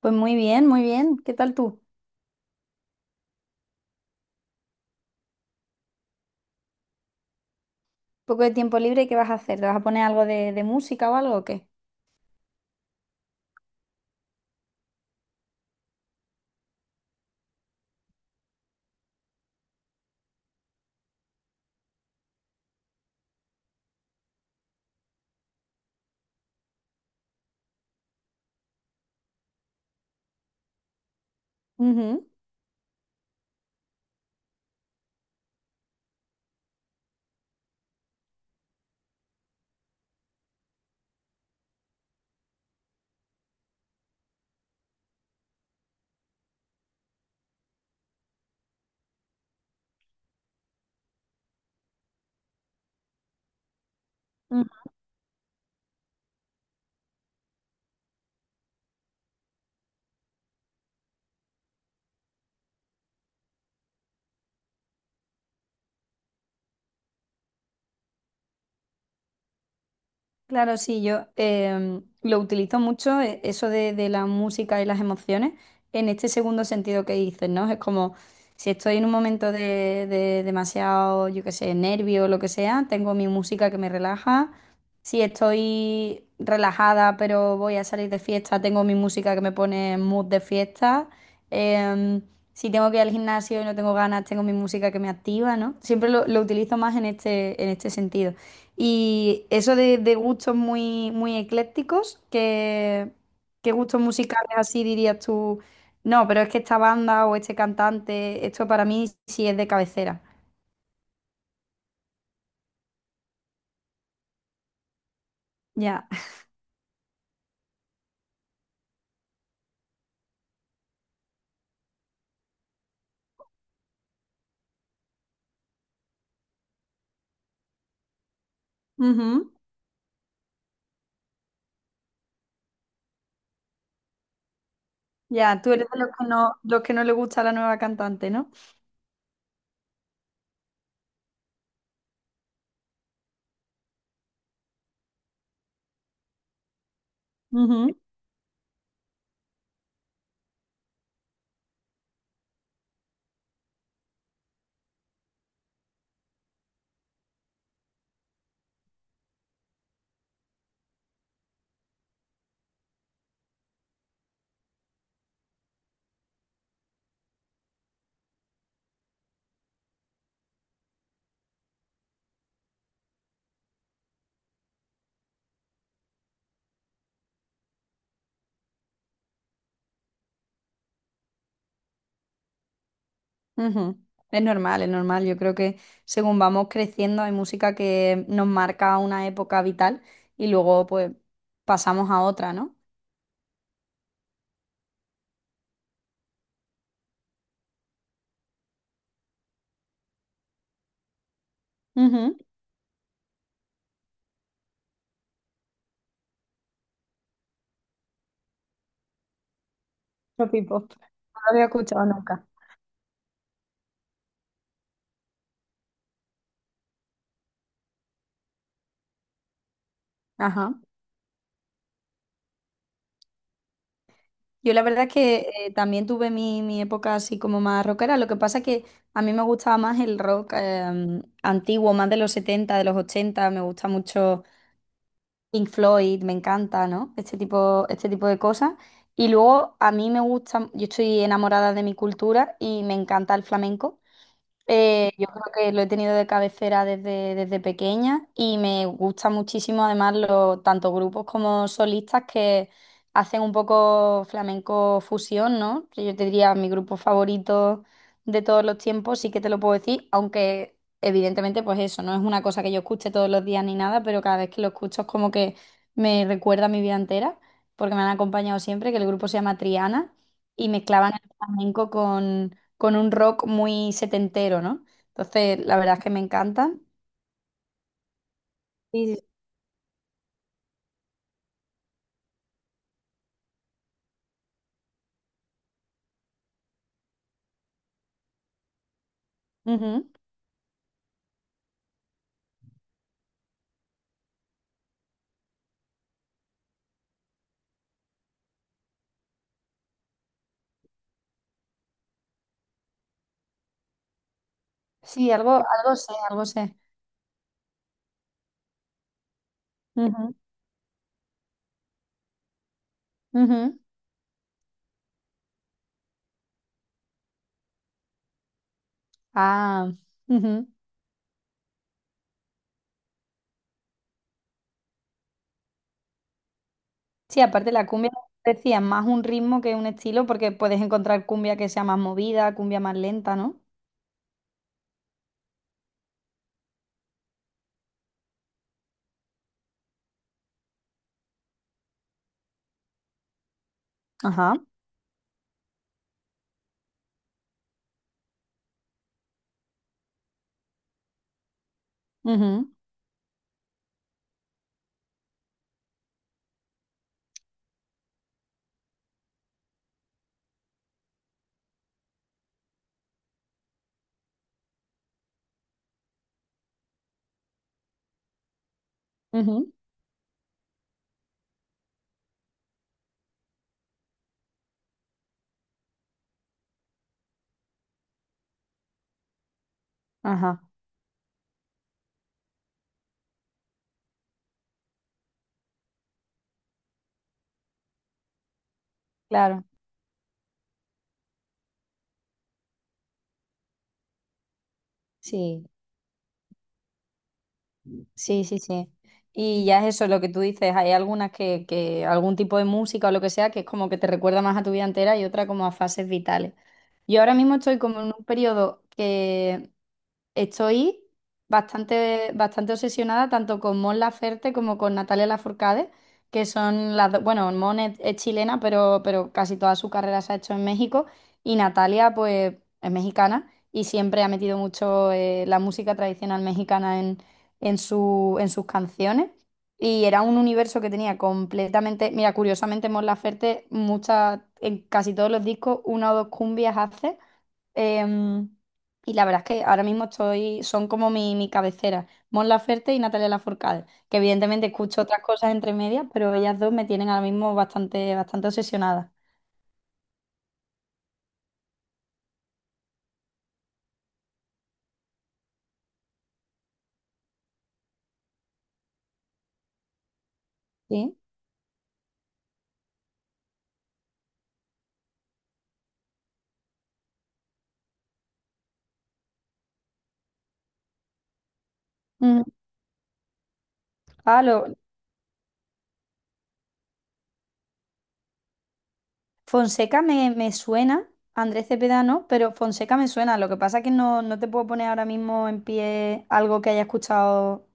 Pues muy bien, muy bien. ¿Qué tal tú? ¿Poco de tiempo libre? ¿Qué vas a hacer? ¿Te vas a poner algo de música o algo o qué? Ujú. Claro, sí, yo lo utilizo mucho, eso de la música y las emociones, en este segundo sentido que dices, ¿no? Es como si estoy en un momento de demasiado, yo qué sé, nervio o lo que sea, tengo mi música que me relaja. Si estoy relajada pero voy a salir de fiesta, tengo mi música que me pone en mood de fiesta. Em, si tengo que ir al gimnasio y no tengo ganas, tengo mi música que me activa, ¿no? Siempre lo utilizo más en este sentido. Y eso de gustos muy, muy eclécticos, ¿qué gustos musicales así dirías tú? No, pero es que esta banda o este cantante, esto para mí sí es de cabecera. Ya. Ujú. Ya, tú eres de los que no le gusta la nueva cantante, ¿no? Ujú, ujú. Es normal, es normal. Yo creo que según vamos creciendo hay música que nos marca una época vital y luego pues pasamos a otra, ¿no? Ujú. Los P-pop. No lo había escuchado nunca. Ajá. Yo la verdad es que también tuve mi época así como más rockera. Lo que pasa es que a mí me gustaba más el rock antiguo, más de los 70, de los 80. Me gusta mucho Pink Floyd, me encanta, ¿no? Este tipo de cosas. Y luego a mí me gusta, yo estoy enamorada de mi cultura y me encanta el flamenco. Yo creo que lo he tenido de cabecera desde pequeña y me gusta muchísimo además los tanto grupos como solistas que hacen un poco flamenco fusión, ¿no? Que yo te diría mi grupo favorito de todos los tiempos, sí que te lo puedo decir, aunque evidentemente pues eso, no es una cosa que yo escuche todos los días ni nada, pero cada vez que lo escucho es como que me recuerda a mi vida entera, porque me han acompañado siempre, que el grupo se llama Triana y mezclaban el flamenco con un rock muy setentero, ¿no? Entonces, la verdad es que me encanta. Sí, sí. Ujú. Sí, algo, algo sé, algo sé. Ujú, ujú. Ah, ujú. Sí, aparte la cumbia, como decía, es más un ritmo que un estilo, porque puedes encontrar cumbia que sea más movida, cumbia más lenta, ¿no? Ajá. Ujú, ujú. Ajá, claro. Sí. Sí, sí, sí. Y ya es eso lo que tú dices, hay algunas que algún tipo de música o lo que sea que es como que te recuerda más a tu vida entera y otra como a fases vitales. Yo ahora mismo estoy como en un periodo que estoy bastante, bastante obsesionada tanto con Mon Laferte como con Natalia Lafourcade, que son las dos, bueno, Mon es chilena, pero casi toda su carrera se ha hecho en México y Natalia pues es mexicana y siempre ha metido mucho la música tradicional mexicana en en sus canciones. Y era un universo que tenía completamente, mira, curiosamente Mon Laferte, muchas, en casi todos los discos, una o dos cumbias hace. Em, y la verdad es que ahora mismo estoy, son como mi cabecera, Mon Laferte y Natalia Lafourcade, que evidentemente escucho otras cosas entre medias, pero ellas dos me tienen ahora mismo bastante, bastante obsesionada. ¿Sí? Mm. Ah, lo Fonseca me suena, Andrés Cepeda no, pero Fonseca me suena. Lo que pasa es que no, no te puedo poner ahora mismo en pie algo que haya escuchado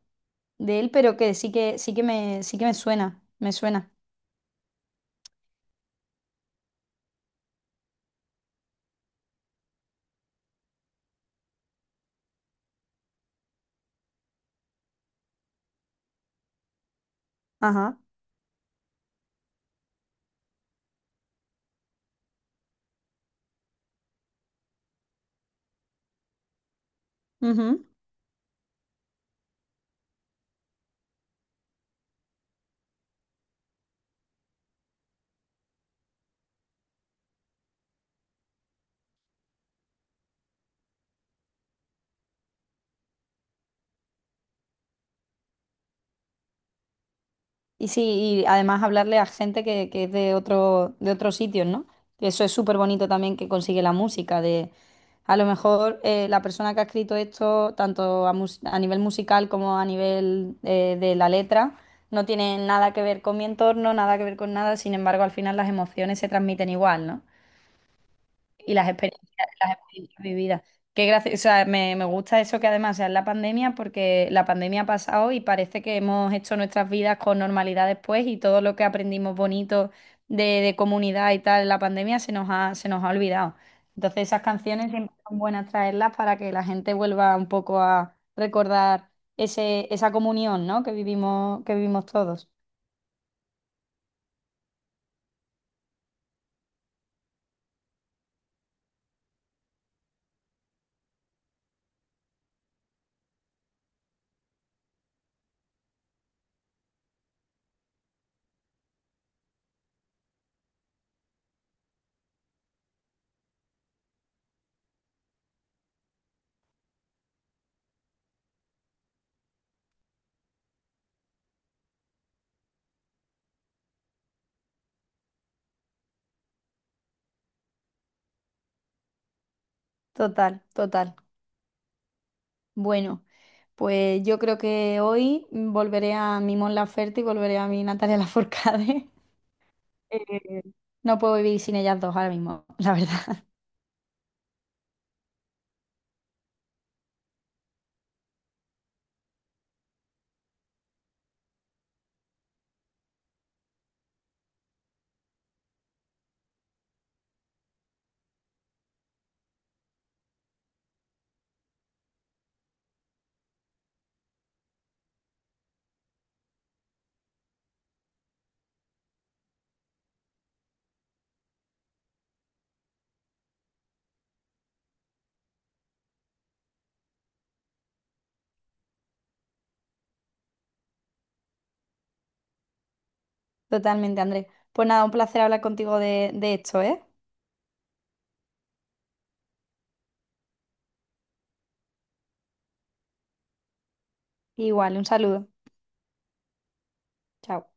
de él, pero que sí que, sí que me suena, me suena. Ajá. Y sí, y además hablarle a gente que es de otro, de otros sitios, ¿no? Que eso es súper bonito también que consigue la música, de a lo mejor la persona que ha escrito esto, tanto a, a nivel musical como a nivel de la letra, no tiene nada que ver con mi entorno, nada que ver con nada, sin embargo, al final las emociones se transmiten igual, ¿no? Y las experiencias vividas. O sea, me gusta eso que además sea en la pandemia, porque la pandemia ha pasado y parece que hemos hecho nuestras vidas con normalidad después y todo lo que aprendimos bonito de comunidad y tal en la pandemia se nos ha olvidado. Entonces esas canciones siempre son buenas traerlas para que la gente vuelva un poco a recordar esa comunión, ¿no? Que vivimos, que vivimos todos. Total, total. Bueno, pues yo creo que hoy volveré a mi Mon Laferte y volveré a mi Natalia Lafourcade. Eh, no puedo vivir sin ellas dos ahora mismo, la verdad. Totalmente, Andrés. Pues nada, un placer hablar contigo de esto, ¿eh? Igual, un saludo. Chao.